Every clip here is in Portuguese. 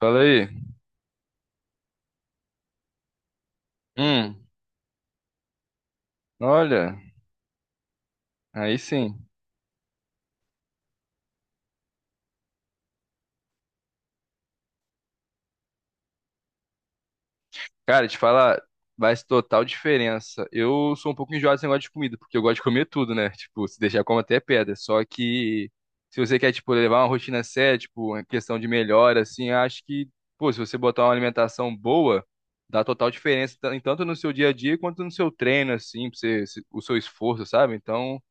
Fala aí. Hum, olha, aí sim. Cara, te falar, faz total diferença. Eu sou um pouco enjoado desse negócio de comida, porque eu gosto de comer tudo, né? Tipo, se deixar, como até pedra. Só que se você quer, tipo, levar uma rotina séria, tipo, uma questão de melhora, assim, eu acho que, pô, se você botar uma alimentação boa, dá total diferença, tanto no seu dia a dia quanto no seu treino, assim, pra você, o seu esforço, sabe? Então.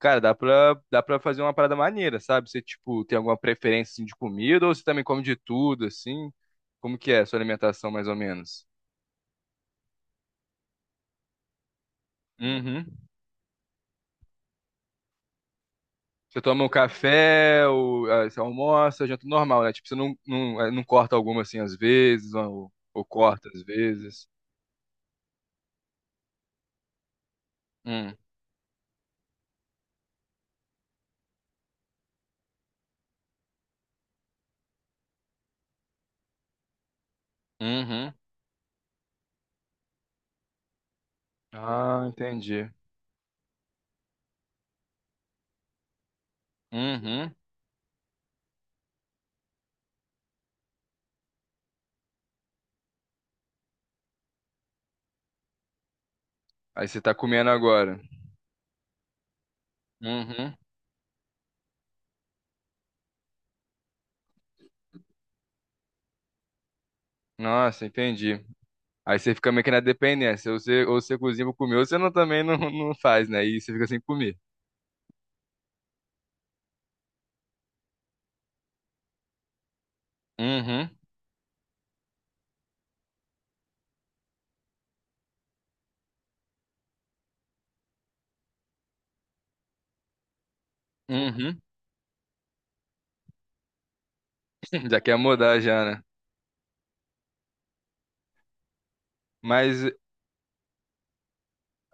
Cara, dá pra fazer uma parada maneira, sabe? Você, tipo, tem alguma preferência, assim, de comida ou você também come de tudo, assim? Como que é a sua alimentação, mais ou menos? Uhum. Você toma um café, ou, ah, você almoça, janta normal, né? Tipo, você não, não, eh, não corta alguma, assim, às vezes, ou corta às vezes. Hum. Uhum. Ah, entendi. Uhum. Aí você tá comendo agora. Uhum. Nossa, entendi. Aí você fica meio que na dependência. Ou você cozinha pra comer, ou você não, também não, não faz, né? E você fica sem comer. Uhum, uhum. Já quer mudar já, né? Mas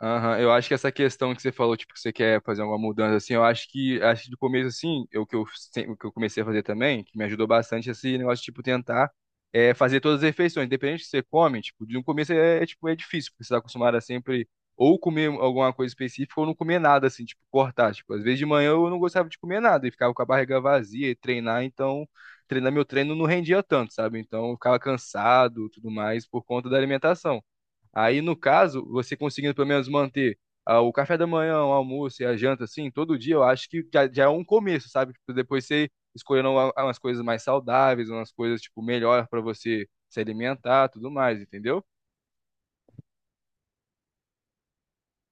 Aham, eu acho que essa questão que você falou, tipo, que você quer fazer alguma mudança, assim, acho que do começo, assim, eu, que eu, sem- o que eu comecei a fazer também, que me ajudou bastante, esse negócio tipo, tentar fazer todas as refeições, independente do que você come, tipo, de um começo tipo, é difícil, porque você tá acostumado a sempre ou comer alguma coisa específica ou não comer nada, assim, tipo, cortar, tipo, às vezes de manhã eu não gostava de comer nada e ficava com a barriga vazia e treinar, então, treinar meu treino não rendia tanto, sabe? Então, eu ficava cansado, tudo mais, por conta da alimentação. Aí, no caso, você conseguindo pelo menos manter o café da manhã, o almoço e a janta, assim, todo dia, eu acho que já é um começo, sabe? Tipo, depois você escolhendo umas coisas mais saudáveis, umas coisas, tipo, melhor para você se alimentar, tudo mais, entendeu?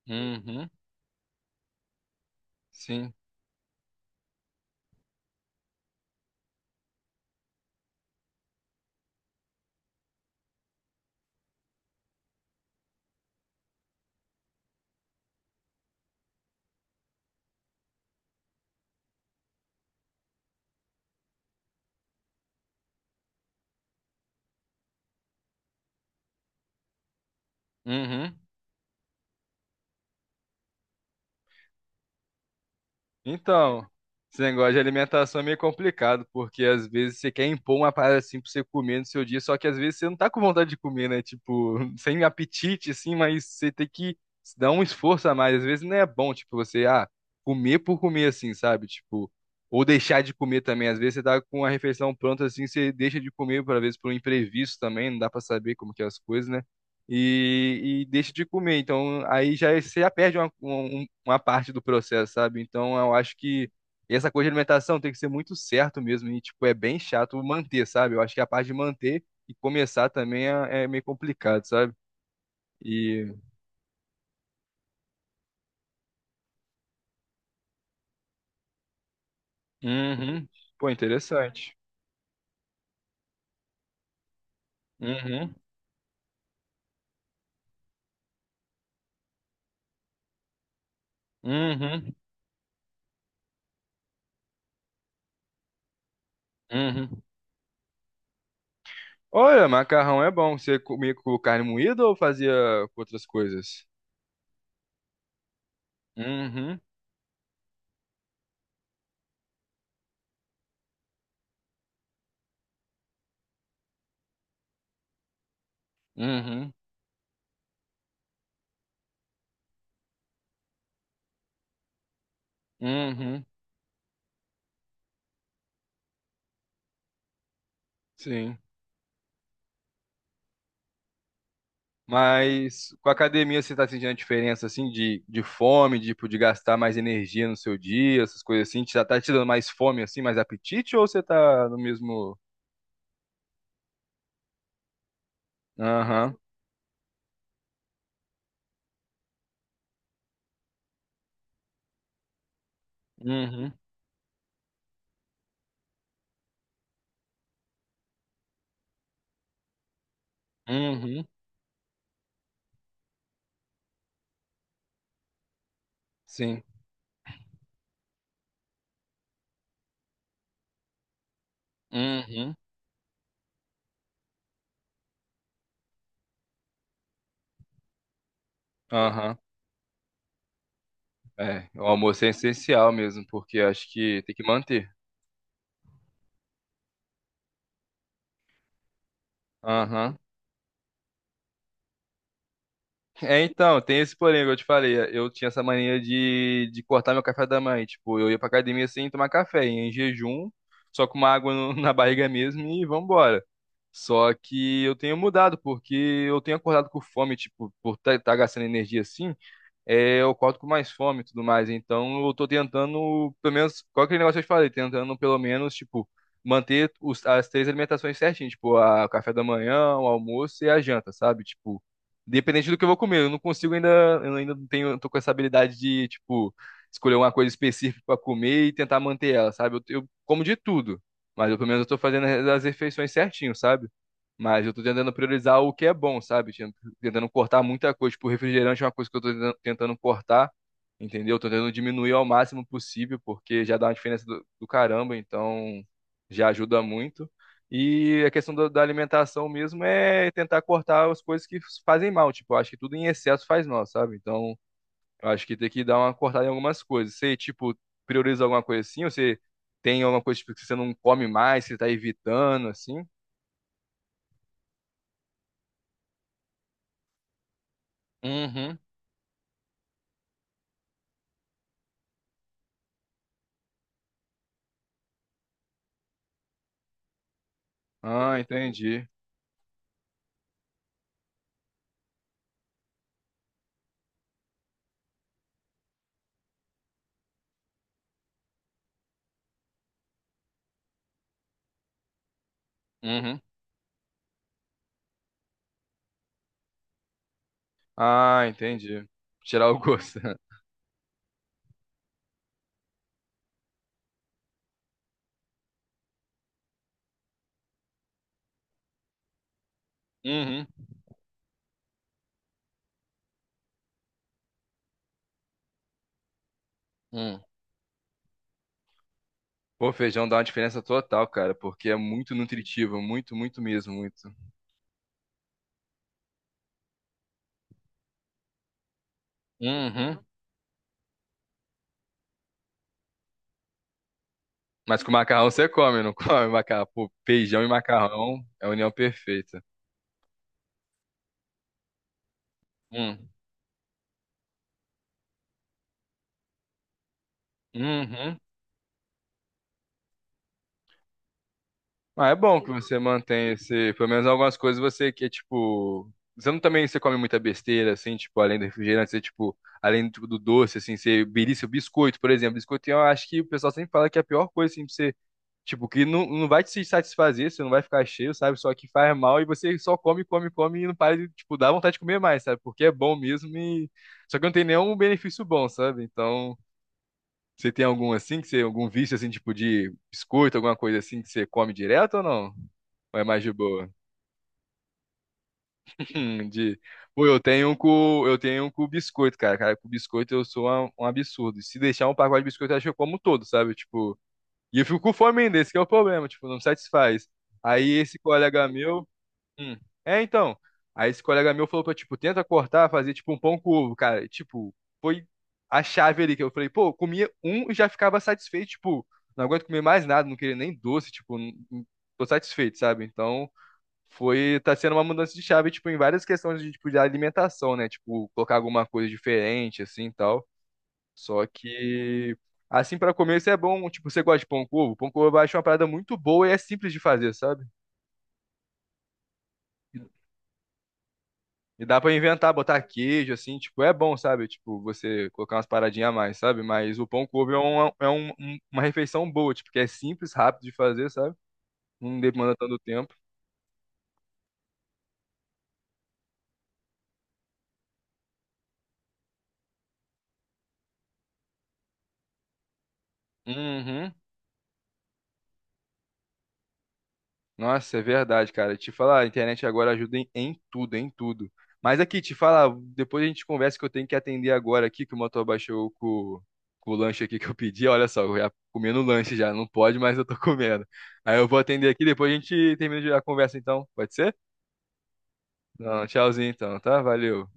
Uhum, sim. Uhum. Então, esse negócio de alimentação é meio complicado, porque às vezes você quer impor uma parada assim pra você comer no seu dia, só que às vezes você não tá com vontade de comer, né? Tipo, sem apetite, assim, mas você tem que se dar um esforço a mais. Às vezes não é bom, tipo, comer por comer, assim, sabe? Tipo, ou deixar de comer também. Às vezes você tá com a refeição pronta, assim, você deixa de comer, por vezes por um imprevisto também, não dá pra saber como que é as coisas, né? E deixa de comer. Então, você já perde uma parte do processo, sabe? Então eu acho que essa coisa de alimentação tem que ser muito certo mesmo e, tipo, é bem chato manter, sabe? Eu acho que a parte de manter e começar também é meio complicado, sabe? E, uhum, pô, interessante. Uhum, uhum, uhum. Olha, macarrão é bom. Você comia com carne moída ou fazia com outras coisas? Uhum, uhum, uhum. Sim. Mas com a academia você tá sentindo a diferença assim de fome, tipo, de gastar mais energia no seu dia, essas coisas assim? Já tá te dando mais fome assim, mais apetite, ou você tá no mesmo. Aham. Uhum. Uhum. Sim. Uhum. Aham. É, o almoço é essencial mesmo, porque acho que tem que manter. Aham. É, então, tem esse porém que eu te falei. Eu tinha essa mania de cortar meu café da manhã. Tipo, eu ia pra academia sem tomar café, ia em jejum, só com uma água na barriga mesmo e vambora. Só que eu tenho mudado, porque eu tenho acordado com fome, tipo, por estar gastando energia assim eu acordo com mais fome e tudo mais. Então, eu tô tentando, pelo menos, qual aquele negócio que eu te falei, tentando, pelo menos, tipo, manter as três alimentações certinho, tipo, o café da manhã, o almoço e a janta, sabe? Tipo, dependente do que eu vou comer, eu não consigo ainda, eu ainda não tenho, tô com essa habilidade de, tipo, escolher uma coisa específica pra comer e tentar manter ela, sabe? Eu como de tudo, mas eu, pelo menos eu tô fazendo as refeições certinho, sabe? Mas eu tô tentando priorizar o que é bom, sabe? Tentando cortar muita coisa. Tipo, refrigerante é uma coisa que eu tô tentando cortar, entendeu? Tô tentando diminuir ao máximo possível, porque já dá uma diferença do caramba, então já ajuda muito. E a questão da alimentação mesmo é tentar cortar as coisas que fazem mal. Tipo, eu acho que tudo em excesso faz mal, sabe? Então, eu acho que tem que dar uma cortada em algumas coisas. Você, tipo, prioriza alguma coisa assim? Ou você tem alguma coisa tipo, que você não come mais, que você tá evitando, assim? Uhum. Ah, entendi. Uhum. Ah, entendi. Tirar o gosto. Uhum. Hum. Pô, feijão dá uma diferença total, cara, porque é muito nutritivo, muito, muito mesmo, muito. Uhum. Mas com macarrão você come, não come macarrão? Pô, feijão e macarrão é a união perfeita. Hum. Uhum. Ah, é bom que você mantém esse, pelo menos algumas coisas você que é tipo, você não também você come muita besteira assim, tipo, além do refrigerante, você tipo, além do doce assim, você belisca o biscoito, por exemplo, biscoito, eu acho que o pessoal sempre fala que é a pior coisa assim pra você, tipo, que não vai te satisfazer, você não vai ficar cheio, sabe? Só que faz mal e você só come, come, come e não para de, tipo, dá vontade de comer mais, sabe? Porque é bom mesmo e só que não tem nenhum benefício bom, sabe? Então, você tem algum assim que você algum vício assim, tipo de biscoito, alguma coisa assim que você come direto ou não? Ou é mais de boa? De... Pô, eu tenho um com biscoito, cara. Cara, com biscoito eu sou um absurdo. Se deixar um pacote de biscoito, eu acho que eu como todo, sabe? Tipo, e eu fico com fome ainda, esse que é o problema, tipo, não me satisfaz. Aí esse colega meu. Hum. É, então. Aí esse colega meu falou pra, tipo, tenta cortar, fazer tipo um pão com ovo, cara. Tipo, foi a chave ali que eu falei, pô, eu comia um e já ficava satisfeito, tipo, não aguento comer mais nada, não queria nem doce, tipo, tô satisfeito, sabe? Então. Foi tá sendo uma mudança de chave, tipo, em várias questões de tipo de alimentação, né? Tipo, colocar alguma coisa diferente assim, e tal. Só que assim pra comer isso é bom, tipo, você gosta de pão com ovo? Pão com ovo eu acho uma parada muito boa e é simples de fazer, sabe? E e dá pra inventar, botar queijo assim, tipo, é bom, sabe? Tipo, você colocar umas paradinhas a mais, sabe? Mas o pão com ovo é uma refeição boa, tipo, que é simples, rápido de fazer, sabe? Não demanda tanto tempo. Uhum. Nossa, é verdade, cara. Te falar, a internet agora ajuda em tudo, em tudo. Mas aqui, te falar, depois a gente conversa que eu tenho que atender agora aqui, que o motor baixou com o lanche aqui que eu pedi. Olha só, eu já comendo lanche já, não pode, mas eu tô comendo. Aí eu vou atender aqui, depois a gente termina a conversa então, pode ser? Não, tchauzinho então, tá? Valeu.